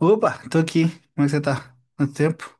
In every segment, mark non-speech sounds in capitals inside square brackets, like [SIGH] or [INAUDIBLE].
Opa, tô aqui. Como é que você tá? Quanto tempo?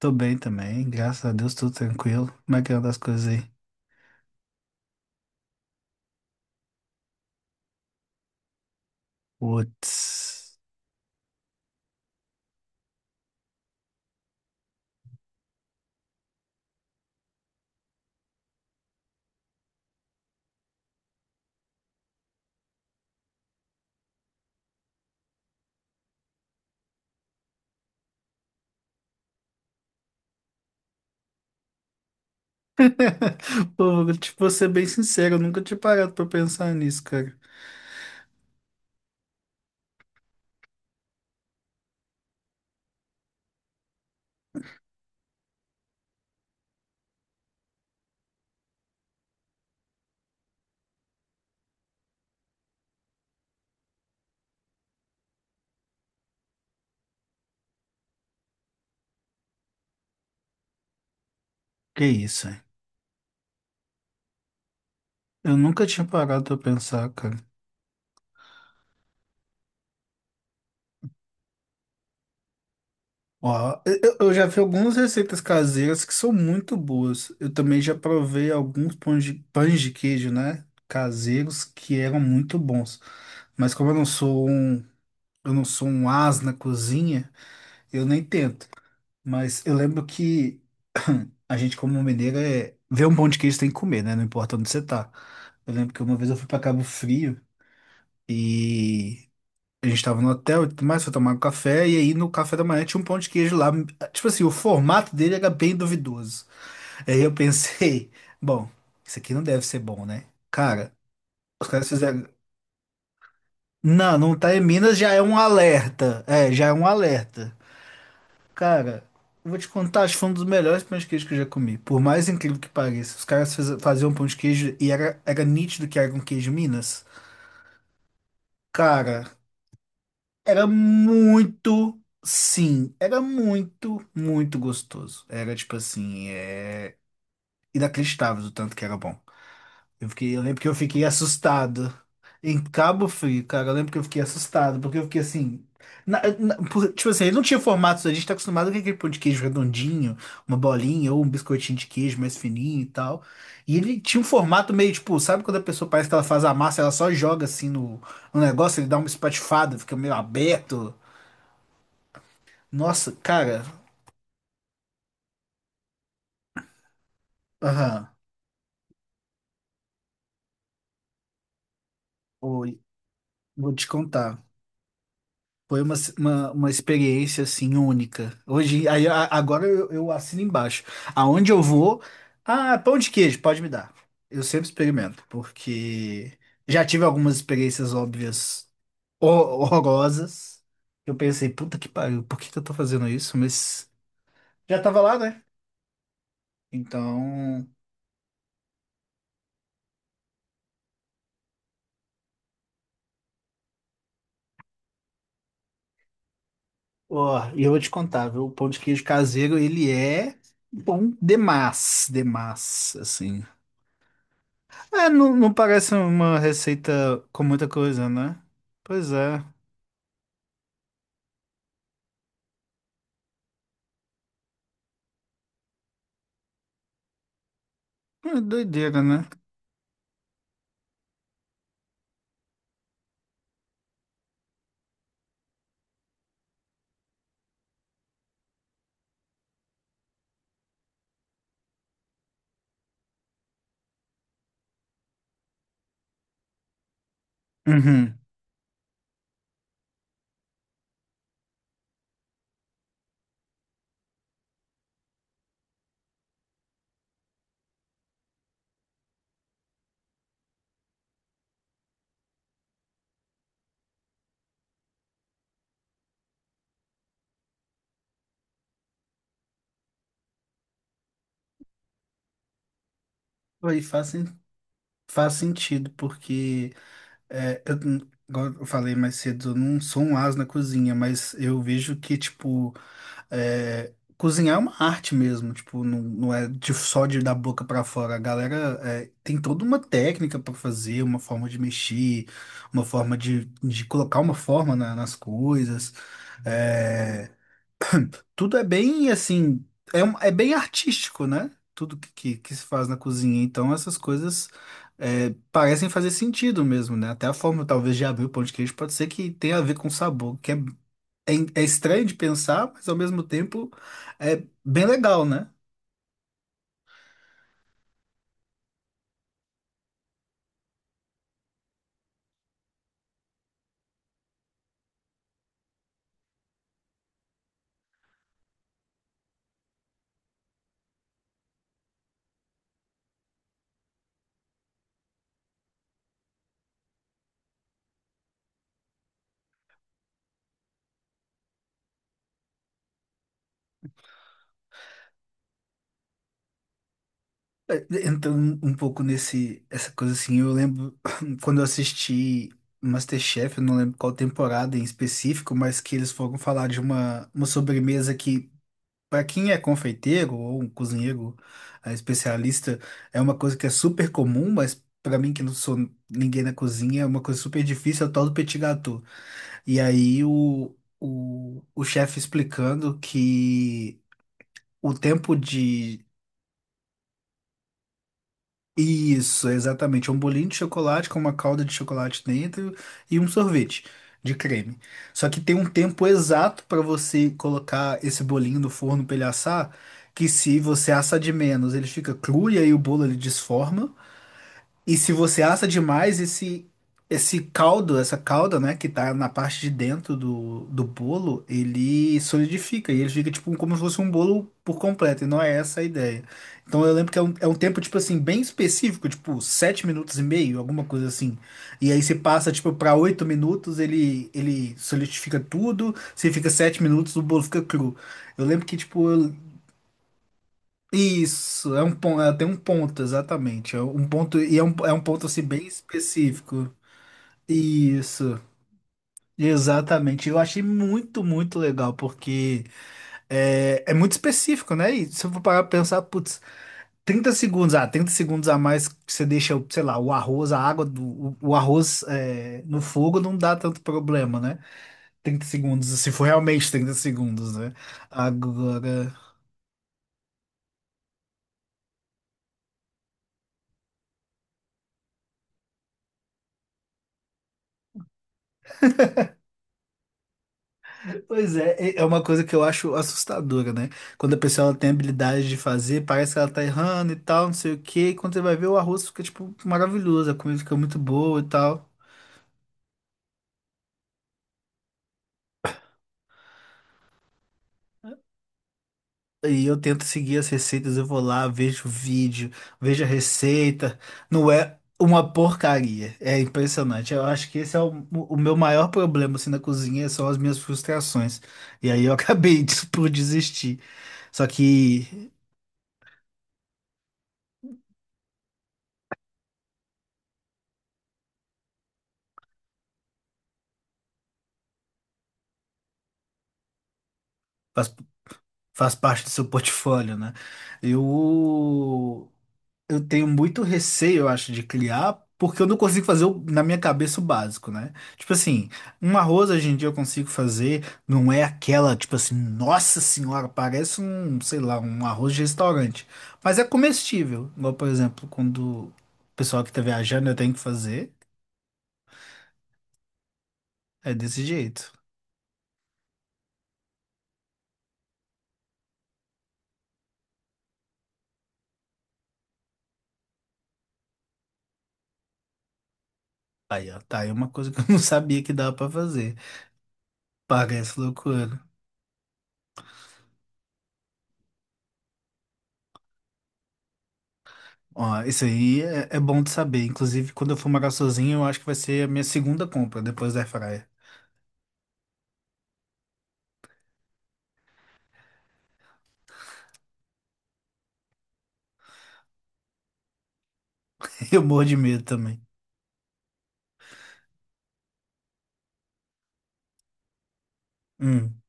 Tô bem também, graças a Deus, tudo tranquilo. Como é que anda as coisas aí? Putz. [LAUGHS] Pô, vou ser bem sincero, eu nunca tinha parado pra pensar nisso, cara. Que isso, hein? Eu nunca tinha parado pra pensar, cara. Ó, eu já vi algumas receitas caseiras que são muito boas. Eu também já provei alguns pães de queijo, né? Caseiros que eram muito bons. Mas como eu não sou um ás na cozinha. Eu nem tento. Mas eu lembro que [CLEARS THROAT] a gente, como mineiro, é... vê um pão de queijo tem que comer, né? Não importa onde você tá. Eu lembro que uma vez eu fui pra Cabo Frio e a gente tava no hotel e tudo mais, foi tomar um café. E aí no café da manhã tinha um pão de queijo lá. Tipo assim, o formato dele era bem duvidoso. Aí eu pensei, [LAUGHS] bom, isso aqui não deve ser bom, né? Cara, os caras fizeram. Não, não tá em Minas, já é um alerta. É, já é um alerta. Cara, eu vou te contar, acho que foi um dos melhores pão de queijo que eu já comi. Por mais incrível que pareça, os caras faziam um pão de queijo e era, era nítido que era um queijo Minas. Cara, era muito, sim, era muito, muito gostoso. Era tipo assim, é inacreditável o tanto que era bom. Eu fiquei, eu lembro que eu fiquei assustado. Em Cabo Frio, cara, eu lembro que eu fiquei assustado, porque eu fiquei assim. Tipo assim, ele não tinha formato, a gente tá acostumado com aquele pão de queijo redondinho, uma bolinha ou um biscoitinho de queijo mais fininho e tal. E ele tinha um formato meio tipo, sabe quando a pessoa parece que ela faz a massa, ela só joga assim no negócio, ele dá uma espatifada, fica meio aberto. Nossa, cara. Aham. Oi, vou te contar. Foi uma experiência assim única. Hoje, agora eu assino embaixo. Aonde eu vou, ah, pão de queijo, pode me dar. Eu sempre experimento, porque já tive algumas experiências óbvias horrorosas. Eu pensei, puta que pariu, por que que eu tô fazendo isso? Mas já tava lá, né? Então, ó, e eu vou te contar, viu? O pão de queijo caseiro, ele é bom demais, demais, assim. É, não, não parece uma receita com muita coisa, né? Pois é. É doideira, né? Uhum. Aí faz, sen- Faz sentido, porque, é, igual eu falei mais cedo, eu não sou um as na cozinha, mas eu vejo que, tipo, é, cozinhar é uma arte mesmo, tipo, não, não é de- só de da boca pra fora. A galera é, tem toda uma técnica pra fazer, uma forma de mexer, uma forma de colocar uma forma nas coisas. É, [CLEARS THROAT] Tudo é bem assim, é bem artístico, né? Tudo que se faz na cozinha. Então, essas coisas é, parecem fazer sentido mesmo, né? Até a forma, talvez, de abrir o pão de queijo pode ser que tenha a ver com sabor, que é, é estranho de pensar, mas ao mesmo tempo é bem legal, né? É, entrando um pouco nesse, essa coisa assim, eu lembro [CLEARS THROAT] quando eu assisti MasterChef, eu não lembro qual temporada em específico, mas que eles foram falar de uma sobremesa que, para quem é confeiteiro ou um cozinheiro especialista, é uma coisa que é super comum, mas para mim, que não sou ninguém na cozinha, é uma coisa super difícil, é o tal do petit gâteau. E aí o chefe explicando que o tempo de... Isso, exatamente. É um bolinho de chocolate com uma calda de chocolate dentro e um sorvete de creme. Só que tem um tempo exato para você colocar esse bolinho no forno para ele assar, que se você assa de menos, ele fica cru e aí o bolo ele desforma. E se você assa demais, esse caldo, essa calda, né, que tá na parte de dentro do bolo, ele solidifica e ele fica tipo como se fosse um bolo por completo, e não é essa a ideia. Então eu lembro que é um tempo, tipo assim, bem específico, tipo 7 minutos e meio, alguma coisa assim. E aí você passa, tipo, pra 8 minutos, ele solidifica tudo, se fica 7 minutos, o bolo fica cru. Eu lembro que, tipo, eu isso, é um ponto, tem um ponto, exatamente. É um ponto, e é um ponto assim bem específico. Isso, exatamente. Eu achei muito, muito legal, porque é é muito específico, né? E se eu for parar pra pensar, putz, 30 segundos, ah, 30 segundos a mais que você deixa, sei lá, o arroz, a água o arroz, é, no fogo não dá tanto problema, né? 30 segundos, se for realmente 30 segundos, né? Agora. Pois é, é uma coisa que eu acho assustadora, né? Quando a pessoa ela tem habilidade de fazer, parece que ela tá errando e tal, não sei o quê. E quando você vai ver, o arroz fica, tipo, maravilhoso, a comida fica muito boa e tal. E eu tento seguir as receitas, eu vou lá, vejo o vídeo, vejo a receita. Não é uma porcaria. É impressionante. Eu acho que esse é o meu maior problema, assim, na cozinha, são as minhas frustrações. E aí eu [LAUGHS] acabei de- por desistir. Só que... Faz parte do seu portfólio, né? Eu eu tenho muito receio, eu acho, de criar, porque eu não consigo fazer na minha cabeça o básico, né? Tipo assim, um arroz hoje em dia eu consigo fazer, não é aquela, tipo assim, nossa senhora, parece um, sei lá, um arroz de restaurante, mas é comestível. Igual, por exemplo, quando o pessoal que tá viajando eu tenho que fazer, é desse jeito. Aí, ó, tá aí uma coisa que [LAUGHS] eu não sabia que dava pra fazer. Parece loucura. Ó, isso aí é é bom de saber. Inclusive, quando eu for morar sozinho, eu acho que vai ser a minha segunda compra depois da airfryer. [LAUGHS] Eu morro de medo também. Hum.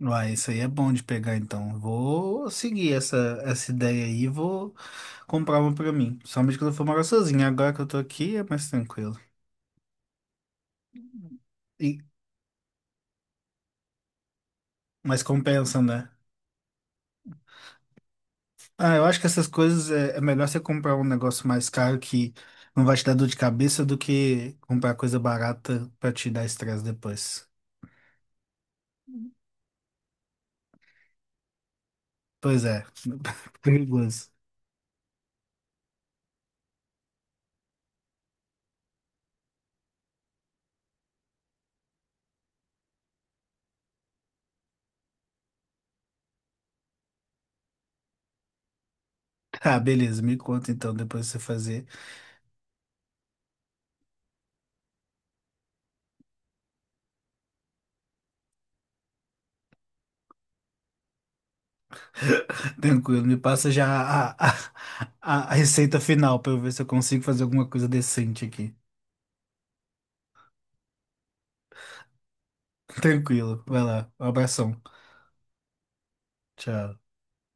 Uai, isso aí é bom de pegar, então. Vou seguir essa ideia aí e vou comprar uma pra mim. Somente quando eu for morar sozinho. Agora que eu tô aqui, é mais tranquilo. E, mas compensa, né? Ah, eu acho que essas coisas, é é melhor você comprar um negócio mais caro que não vai te dar dor de cabeça do que comprar coisa barata pra te dar estresse depois. Pois é, [LAUGHS] perigoso. Ah, beleza, me conta então, depois que você fazer. [LAUGHS] Tranquilo, me passa já a receita final pra eu ver se eu consigo fazer alguma coisa decente aqui. Tranquilo, vai lá, um abração. Tchau.